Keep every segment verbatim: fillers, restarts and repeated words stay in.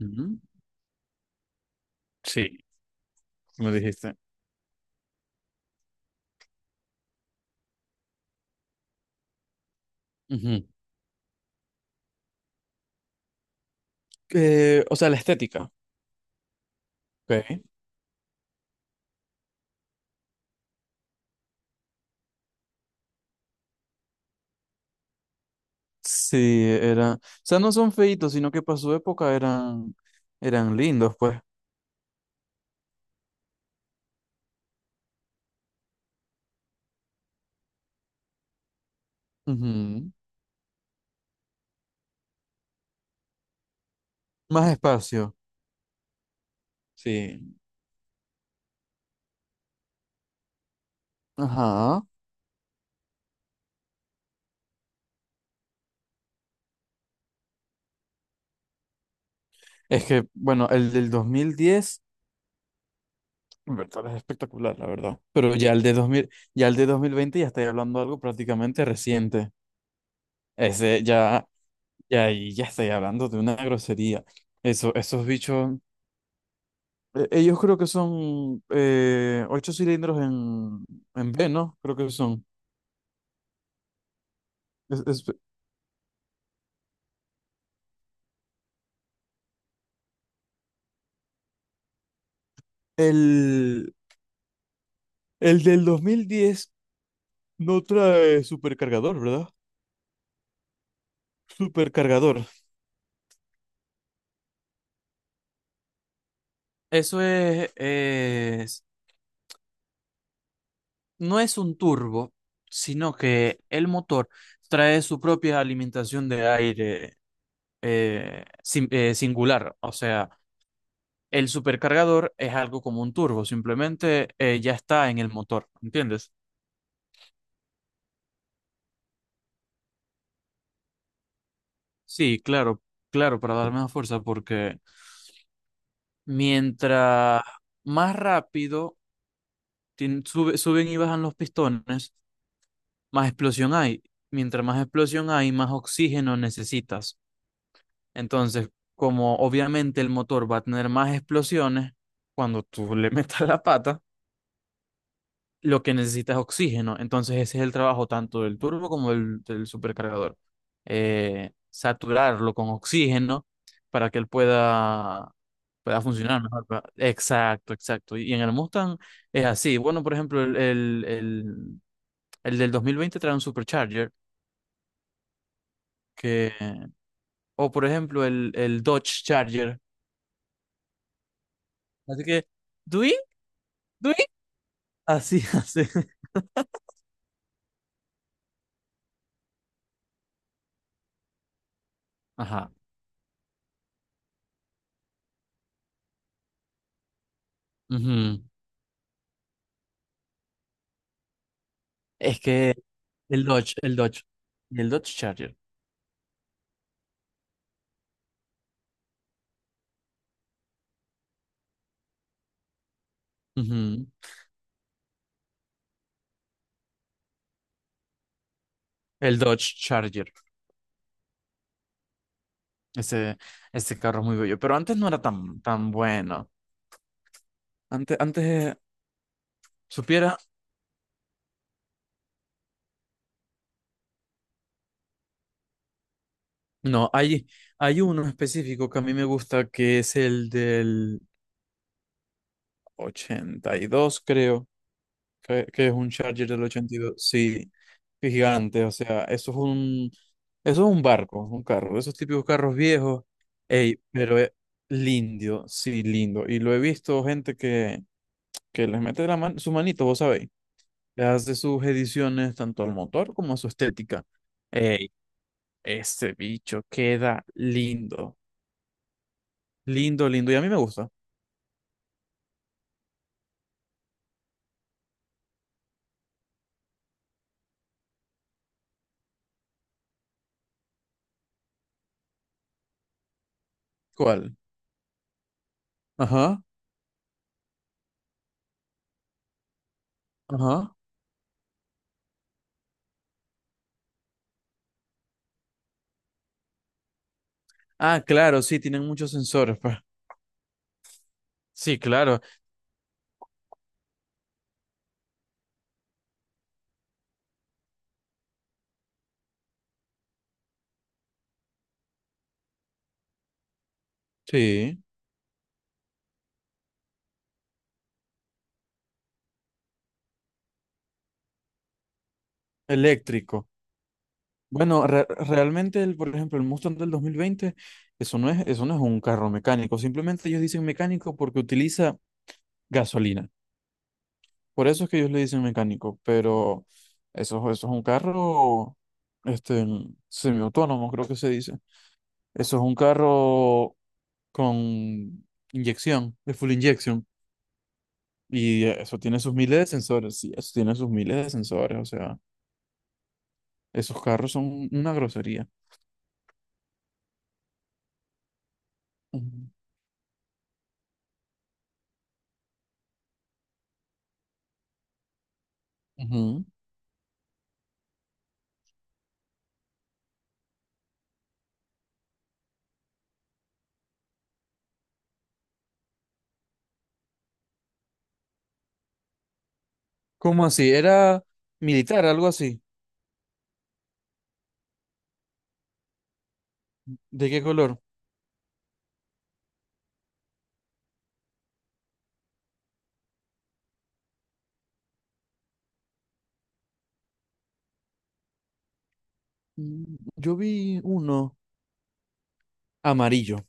Ujú. Sí, me dijiste. Ujú. Eh, o sea, la estética. Ok. Sí, era. O sea, no son feitos, sino que para su época eran, eran lindos, pues. Ujú. Más espacio. Sí. Ajá. Es que, bueno, el del dos mil diez, en verdad, es espectacular, la verdad. Pero ya el de dos mil ya el de dos mil veinte ya estoy hablando de algo prácticamente reciente. Ese ya, ya ahí ya estoy hablando de una grosería. Eso, esos bichos, E- Ellos creo que son eh, ocho cilindros en, en B, ¿no? Creo que son. Es- es- el, el del dos mil diez no trae supercargador, ¿verdad? Supercargador. Eso es, es- no es un turbo, sino que el motor trae su propia alimentación de aire eh, sin- eh, singular. O sea, el supercargador es algo como un turbo, simplemente eh, ya está en el motor, ¿entiendes? Sí, claro, claro, para darme más fuerza, porque mientras más rápido tien- sube- suben y bajan los pistones, más explosión hay. Mientras más explosión hay, más oxígeno necesitas. Entonces, como obviamente el motor va a tener más explosiones, cuando tú le metas la pata, lo que necesita es oxígeno. Entonces ese es el trabajo tanto del turbo como del, del supercargador. Eh, saturarlo con oxígeno para que él pueda, pueda funcionar mejor. pa- Exacto, exacto. Y en el Mustang es así. Bueno, por ejemplo, el, el, el, el del dos mil veinte trae un supercharger que, o por ejemplo, el, el Dodge Charger. Así que, ¿Dui? ¿Dui? Así, así. Ajá. Ujú. Es que el Dodge, el Dodge. Y el Dodge Charger. Ujú. El Dodge Charger. Ese, ese carro es muy bello. Pero antes no era tan, tan bueno. Antes, antes eh, supiera. No, hay, hay uno específico que a mí me gusta que es el del ochenta y dos creo. Que, que es un Charger del ochenta y dos. Sí, qué gigante. O sea, eso es un, eso es un barco, un carro. Esos típicos carros viejos. Ey, pero es lindo. Sí, lindo. Y lo he visto gente que, que les mete la man- su manito, vos sabéis. Le hace sus ediciones tanto al motor como a su estética. Ey, este bicho queda lindo. Lindo, lindo. Y a mí me gusta. ¿Cuál? Ajá, ajá. Ah, claro, sí, tienen muchos sensores, pues. Sí, claro. Sí, eléctrico. Bueno, re- realmente, el, por ejemplo, el Mustang del dos mil veinte, eso no es, eso no es un carro mecánico. Simplemente ellos dicen mecánico porque utiliza gasolina. Por eso es que ellos le dicen mecánico, pero eso, eso es un carro este, semiautónomo, creo que se dice. Eso es un carro con inyección, de full injection. Y eso tiene sus miles de sensores, sí, eso tiene sus miles de sensores, o sea, esos carros son una grosería. Ujú. Ujú. ¿Cómo así? ¿Era militar, algo así? ¿De qué color? Mm, Yo vi uno amarillo,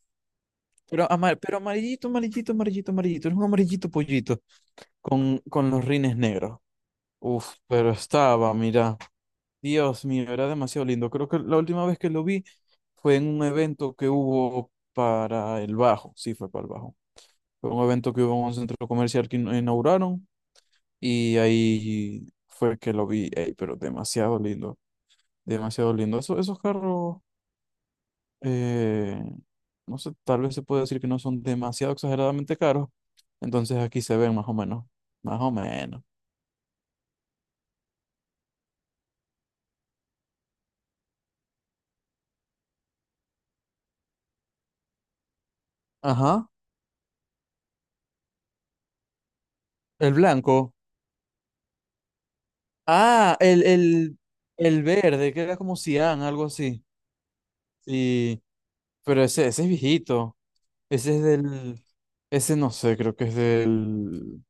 pero, ama- pero amarillito, amarillito, amarillito, amarillito, era un amarillito pollito con, con los rines negros. Uf, pero estaba, mira, Dios mío, era demasiado lindo. Creo que la última vez que lo vi fue en un evento que hubo para el Bajo, sí, fue para el Bajo. Fue un evento que hubo en un centro comercial que in- inauguraron y ahí fue que lo vi. Ey, pero demasiado lindo, demasiado lindo. Eso- esos carros, eh, no sé, tal vez se puede decir que no son demasiado exageradamente caros, entonces aquí se ven más o menos, más o menos. Ajá, el blanco. Ah, el, el, el verde, que era como Cian, algo así. Sí, pero ese, ese es viejito. Ese es del. Ese no sé, creo que es del.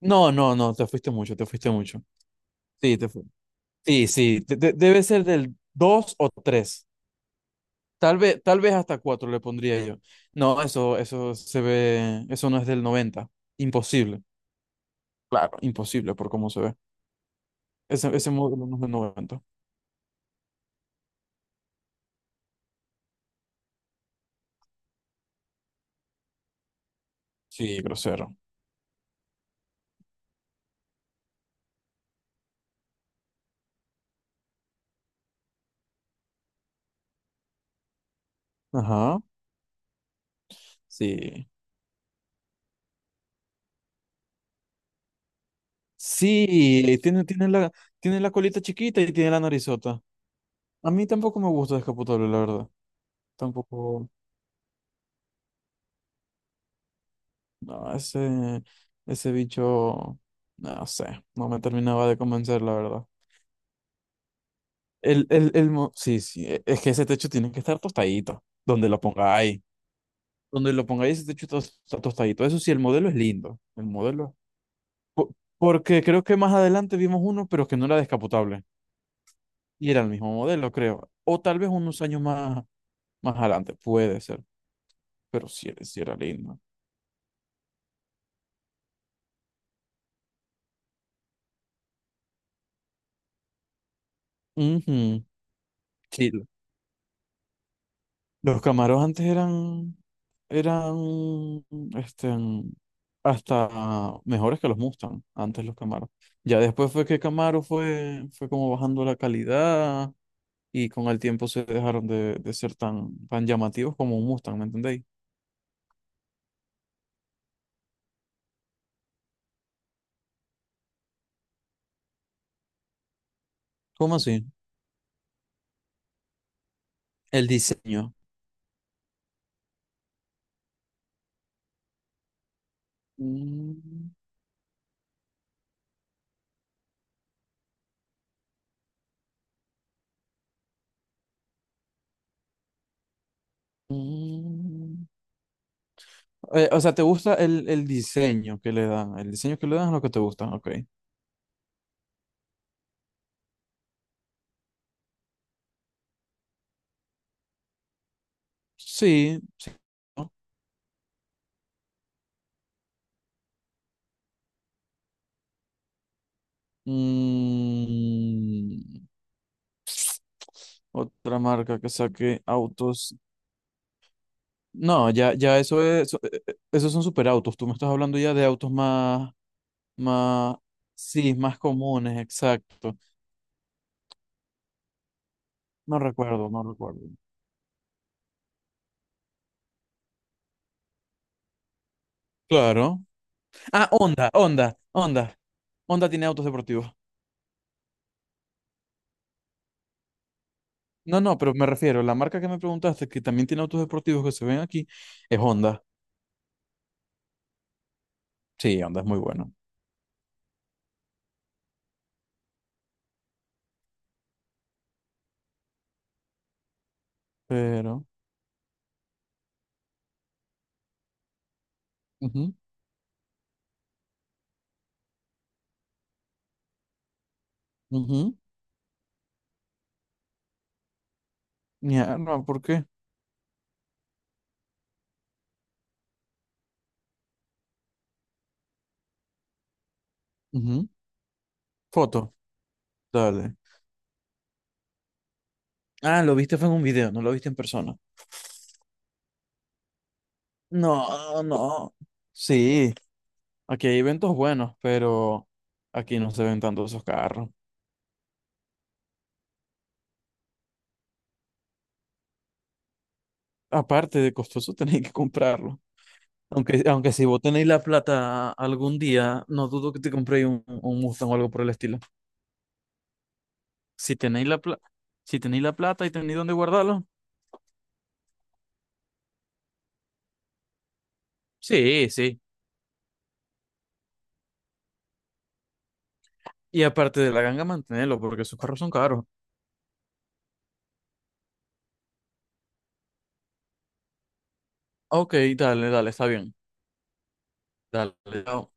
No, no, no, te fuiste mucho, te fuiste mucho. Sí, te fuiste. Sí, sí, de- de- debe ser del dos o tres. Tal vez, tal vez hasta cuatro le pondría yo. No, eso, eso se ve. Eso no es del noventa. Imposible. Claro, imposible por cómo se ve. Ese, ese módulo no es del noventa. Sí, grosero. Ajá. Sí. Sí, tiene, tiene la, tiene la colita chiquita y tiene la narizota. A mí tampoco me gusta descapotable, la verdad. Tampoco, no, ese, ese bicho, no sé, no me terminaba de convencer, la verdad. El, el, el, mo- sí, sí, e- es que ese techo tiene que estar tostadito, donde lo pongáis. Donde lo pongáis, ese techo tos- está tostadito. Eso sí, el modelo es lindo, el modelo. Po- porque creo que más adelante vimos uno, pero que no era descapotable. Y era el mismo modelo, creo. O tal vez unos años más. Más adelante puede ser, pero sí, era sí era lindo. Ujú. Sí, lo- los Camaros antes eran, eran, este, hasta mejores que los Mustang, antes los Camaros. Ya después fue que Camaro fue, fue como bajando la calidad y con el tiempo se dejaron de, de ser tan, tan llamativos como un Mustang, ¿me entendéis? ¿Cómo así? El diseño. Mm, mm. Eh, o sea, ¿te gusta el, el diseño que le dan? El diseño que le dan es lo que te gusta, ok. Sí, sí. ¿No? Mm, otra marca que saque autos. No, ya, ya eso es, eso- eh, eh, esos son superautos. Tú me estás hablando ya de autos más, más, sí, más comunes, exacto. No recuerdo, no recuerdo. Claro. Ah, Honda, Honda, Honda. Honda tiene autos deportivos. No, no, pero me refiero, la marca que me preguntaste, que también tiene autos deportivos que se ven aquí, es Honda. Sí, Honda es muy bueno. Pero. Ujú, ujú. Ya no, ¿por qué? Ujú. Foto, dale. Ah, lo viste fue en un video, no lo viste en persona. No, no. Sí, aquí hay eventos buenos, pero aquí no se ven tanto esos carros. Aparte de costoso, tenéis que comprarlo. Aunque, aunque si vos tenéis la plata algún día, no dudo que te compréis un, un Mustang o algo por el estilo. Si tenéis la plata, si tenéis la plata y tenéis dónde guardarlo, sí, sí. Y aparte de la ganga, mantenerlo, porque esos carros son caros. Ok, dale, dale, está bien. Dale, chao.